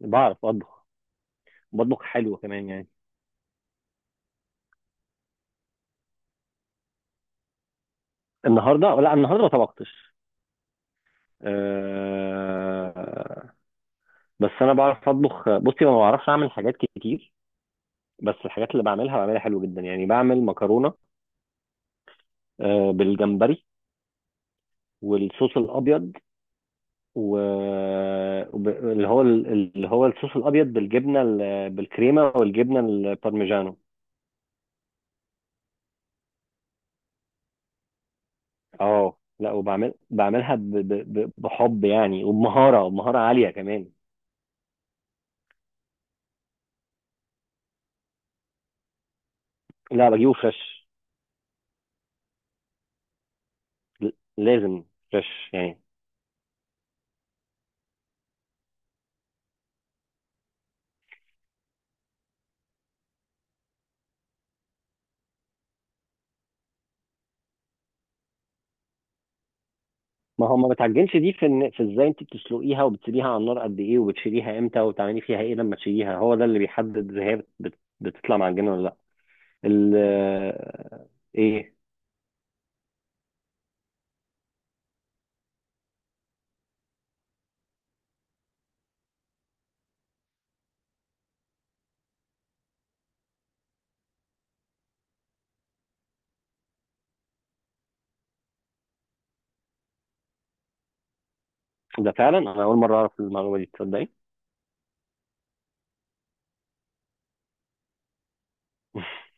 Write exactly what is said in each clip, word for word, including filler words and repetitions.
بعرف اطبخ. بطبخ حلو كمان يعني. النهارده لا، النهارده ما طبختش. أه... بس انا بعرف اطبخ. بصي، ما بعرفش اعمل حاجات كتير. بس الحاجات اللي بعملها بعملها حلو جدا. يعني بعمل مكرونه أه بالجمبري والصوص الابيض و وب- اللي هو اللي هو الصوص الابيض بالجبنه، ال- بالكريمه والجبنه البارميجانو. اه لا، وبعمل بعملها ب... ب... ب- بحب يعني، وبمهاره ومهاره عاليه كمان. لا، بجيبه فريش. ل- لازم فريش يعني. ما هو ما بتعجنش دي في إن- في ازاي انت بتسلقيها وبتسيبيها على النار قد ايه، وبتشيليها امتى، وبتعملي فيها ايه لما تشيليها. هو ده اللي بيحدد اذا هي بت- بت- بتطلع معجنه ولا لا. ال آه، ايه. ده فعلا انا اول مره اعرف المعلومه دي، تصدقي؟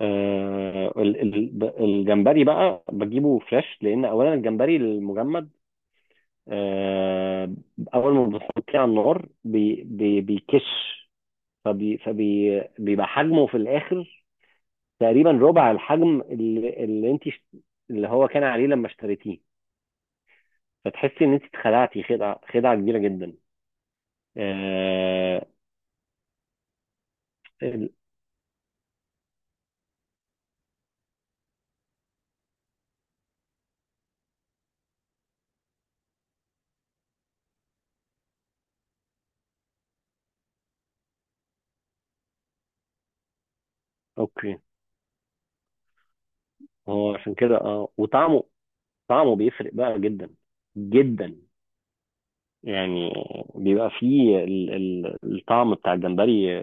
آه، ال- ال- ب- الجمبري بقى بجيبه فريش، لان اولا الجمبري المجمد آه، اول ما بتحطيه على النار بي بي بيكش. فبي فبي بيبقى حجمه في الاخر تقريبا ربع الحجم اللي, اللي انت اشت- اللي هو كان عليه لما اشتريتيه. فتحسي ان انت اتخدعتي خدعه خدعه كبيره جدا. آه... ال... اوكي، هو عشان كده اه. وطعمه طعمه بيفرق بقى جدا جدا يعني. بيبقى فيه ال... ال... الطعم بتاع الجمبري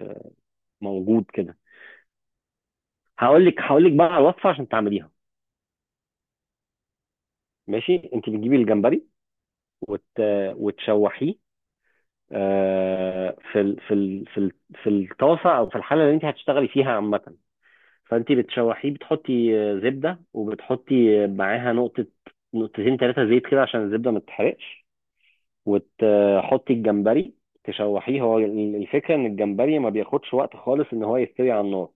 موجود كده. هقول لك هقول لك بقى على الوصفه عشان تعمليها. ماشي، انت بتجيبي الجمبري وت... وتشوحيه آه، في ال في ال في ال في الطاسه او في الحله اللي انت هتشتغلي فيها عامه. فانت بتشوحيه. بتحطي آه، زبده وبتحطي آه، معاها نقطه نقطتين ثلاثه زيت كده عشان الزبده ما تتحرقش. وتحطي الجمبري، تشوحيه. هو ال- الفكره ان الجمبري ما بياخدش وقت خالص ان هو يستوي على النار.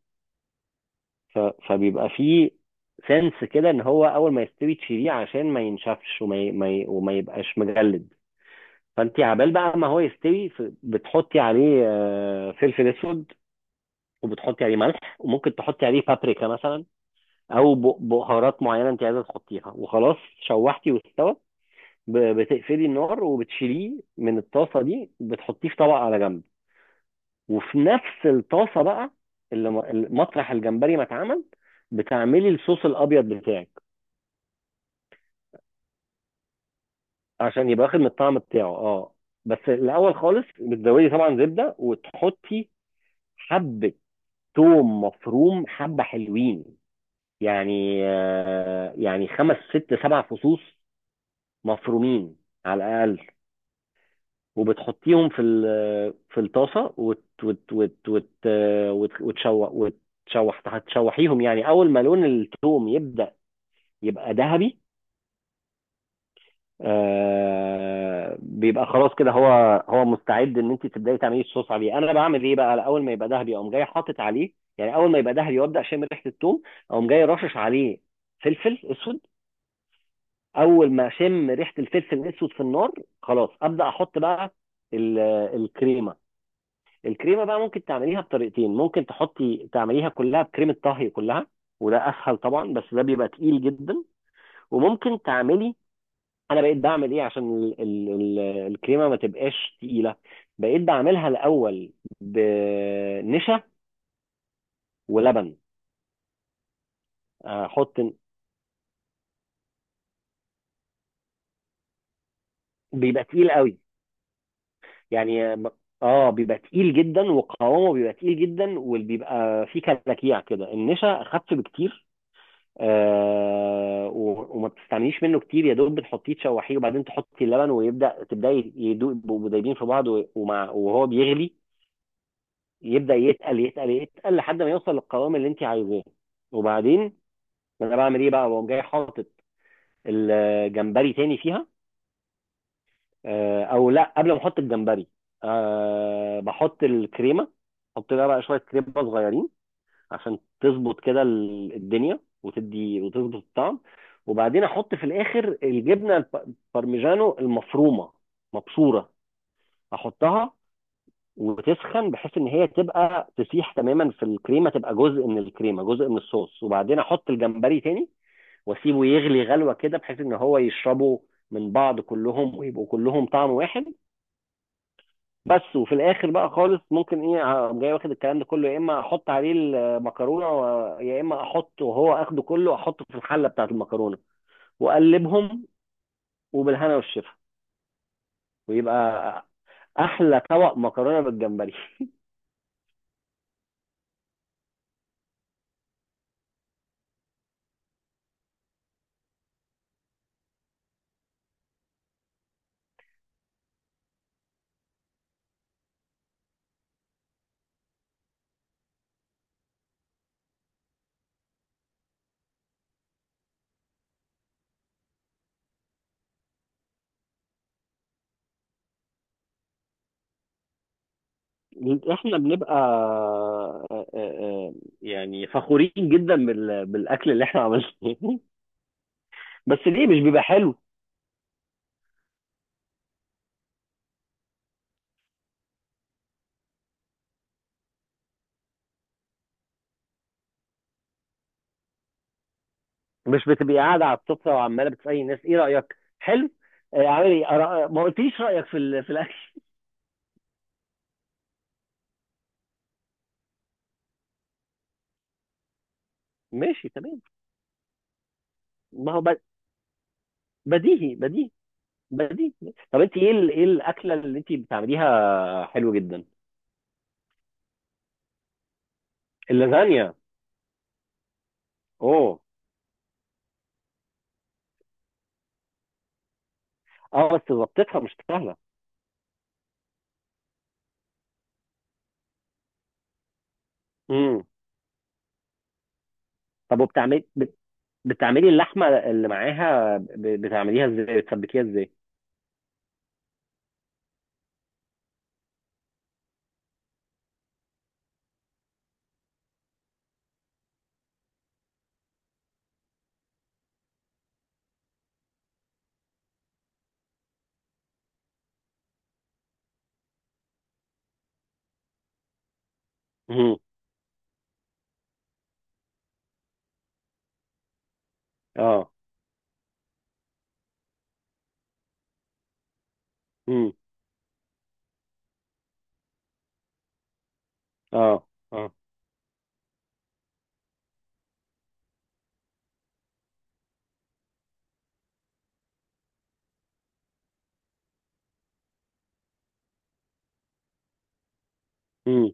ف- فبيبقى فيه سنس كده ان هو اول ما يستوي تشيليه، عشان ما ينشفش وما ي- ما ي- وما يبقاش مجلد. فانت عبال بقى ما هو يستوي، ف- بتحطي عليه آه، فلفل اسود وبتحطي عليه ملح وممكن تحطي عليه بابريكا مثلا، او ب- بهارات معينه انت عايزه تحطيها وخلاص. شوحتي واستوى، ب- بتقفلي النار وبتشيليه من الطاسه دي. بتحطيه في طبق على جنب. وفي نفس الطاسه بقى، اللي م- مطرح الجمبري ما اتعمل، بتعملي الصوص الابيض بتاعك عشان يبقى واخد من الطعم بتاعه اه. بس الاول خالص بتزودي طبعا زبده وتحطي حبه توم مفروم، حبة حلوين، يعني آه، يعني خمس ست سبع فصوص مفرومين على الأقل. وبتحطيهم في ال- في الطاسة وت وت وت وت آه، وت- وتشوح وتشوح. هتشوحيهم يعني أول ما لون التوم يبدأ يبقى ذهبي آه، بيبقى خلاص كده. هو هو مستعد ان انت تبداي تعملي الصوص عليه. انا بعمل ايه بقى؟ اول ما يبقى دهبي اقوم جاي حاطط عليه. يعني اول ما يبقى دهبي وابدا اشم ريحه الثوم، اقوم جاي رشش عليه فلفل اسود. اول ما اشم ريحه الفلفل الاسود في النار، خلاص ابدا احط بقى ال- الكريمه. الكريمه بقى ممكن تعمليها بطريقتين. ممكن تحطي تعمليها كلها بكريمه طهي كلها، وده اسهل طبعا، بس ده بيبقى تقيل جدا. وممكن تعملي، انا بقيت بعمل ايه عشان ال ال ال الكريمه ما تبقاش تقيله، بقيت بعملها الاول بنشا ولبن. احط، بيبقى تقيل قوي يعني. اه بيبقى تقيل جدا وقوامه بيبقى تقيل جدا وبيبقى فيه كلاكيع كده. النشا اخف بكتير آه، و- وما بتستعمليش منه كتير، يا دوب بتحطيه تشوحيه. وبعدين تحطي اللبن ويبدا تبداي يدوب، يبقوا دايبين في بعض. و- ومع وهو بيغلي يبدا يتقل يتقل يتقل لحد ما يوصل للقوام اللي انت عايزاه. وبعدين، انا بعمل ايه بقى؟ بقوم جاي حاطط الجمبري تاني فيها آه، او لا، قبل ما احط الجمبري أه بحط الكريمه. احط لها بقى شويه كريمه صغيرين عشان تظبط كده ال- الدنيا وتدي وتظبط الطعم. وبعدين احط في الاخر الجبنه الب- البارميجانو المفرومه مبشوره. احطها وتسخن، بحيث ان هي تبقى تسيح تماما في الكريمه، تبقى جزء من الكريمه جزء من الصوص. وبعدين احط الجمبري تاني واسيبه يغلي غلوه كده، بحيث ان هو يشربوا من بعض كلهم ويبقوا كلهم طعم واحد. بس وفي الاخر بقى خالص، ممكن ايه، أقوم جاي واخد الكلام ده كله، يا اما احط عليه المكرونه و- يا اما احط وهو اخده كله احطه في الحله بتاعه المكرونه واقلبهم. وبالهنا والشفا. ويبقى احلى طبق مكرونه بالجمبري. احنا بنبقى آه، آه، آه، يعني فخورين جدا بال- بالاكل اللي احنا عملناه. بس ليه مش بيبقى حلو؟ مش بتبقي قاعده على السفره وعماله بتسالي الناس ايه رايك، حلو؟ آه، عامل ايه؟ أرا- ما قلتليش رايك في ال- في الاكل. ماشي، تمام. ما هو ب- بديهي بديهي بديهي. طب انت ايه ال- ايه الاكله اللي انت بتعمليها؟ حلو جدا. اللازانيا. اوه. اه بس ظبطتها مش سهله. امم. طب، وبتعملي بتعملي اللحمه اللي معاها، ب- بتعمليها ازاي، بتسبكيها ازاي؟ مم. اه. مم. اه اه. مم.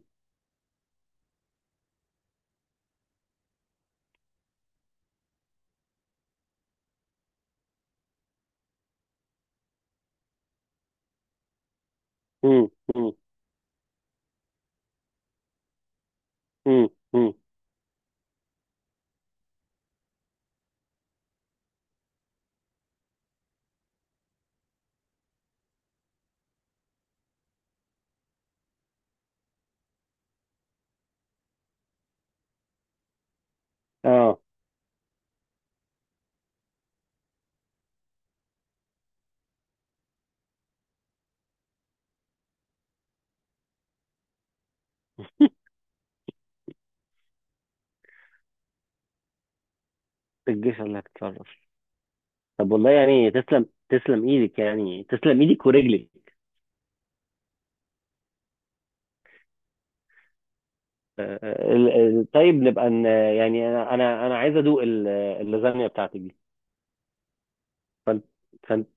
مم. مم. مم. مم. اه. الجيش اللي هتتصرف. طب والله يعني، تسلم تسلم ايدك، يعني تسلم ايدك ورجلك. آه، آه، ال- ال- طيب، نبقى ن- يعني انا انا انا عايز ادوق ال- اللازانيا بتاعتك دي. فانت فانت،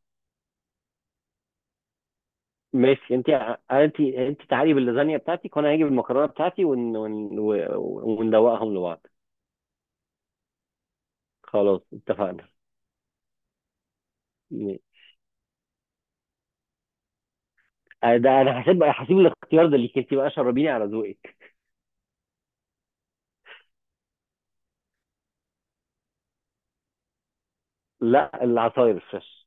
ماشي. انت انت انت تعالي باللازانيا بتاعتك وانا هاجي بالمكرونه بتاعتي، ون ون و- وندوقهم لبعض. خلاص، اتفقنا. آه، ده انا هسيب هسيب الاختيار ده ليك انت بقى، شربيني على ذوقك. لا، العصاير الفريش.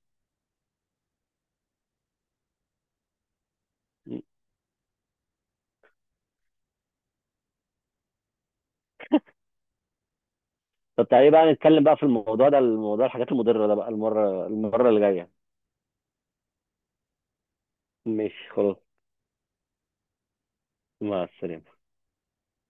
طب تعالي بقى نتكلم بقى في الموضوع ده، الموضوع الحاجات المضرة ده بقى المرة المرة اللي جاية. ماشي، خلاص. مع السلامة.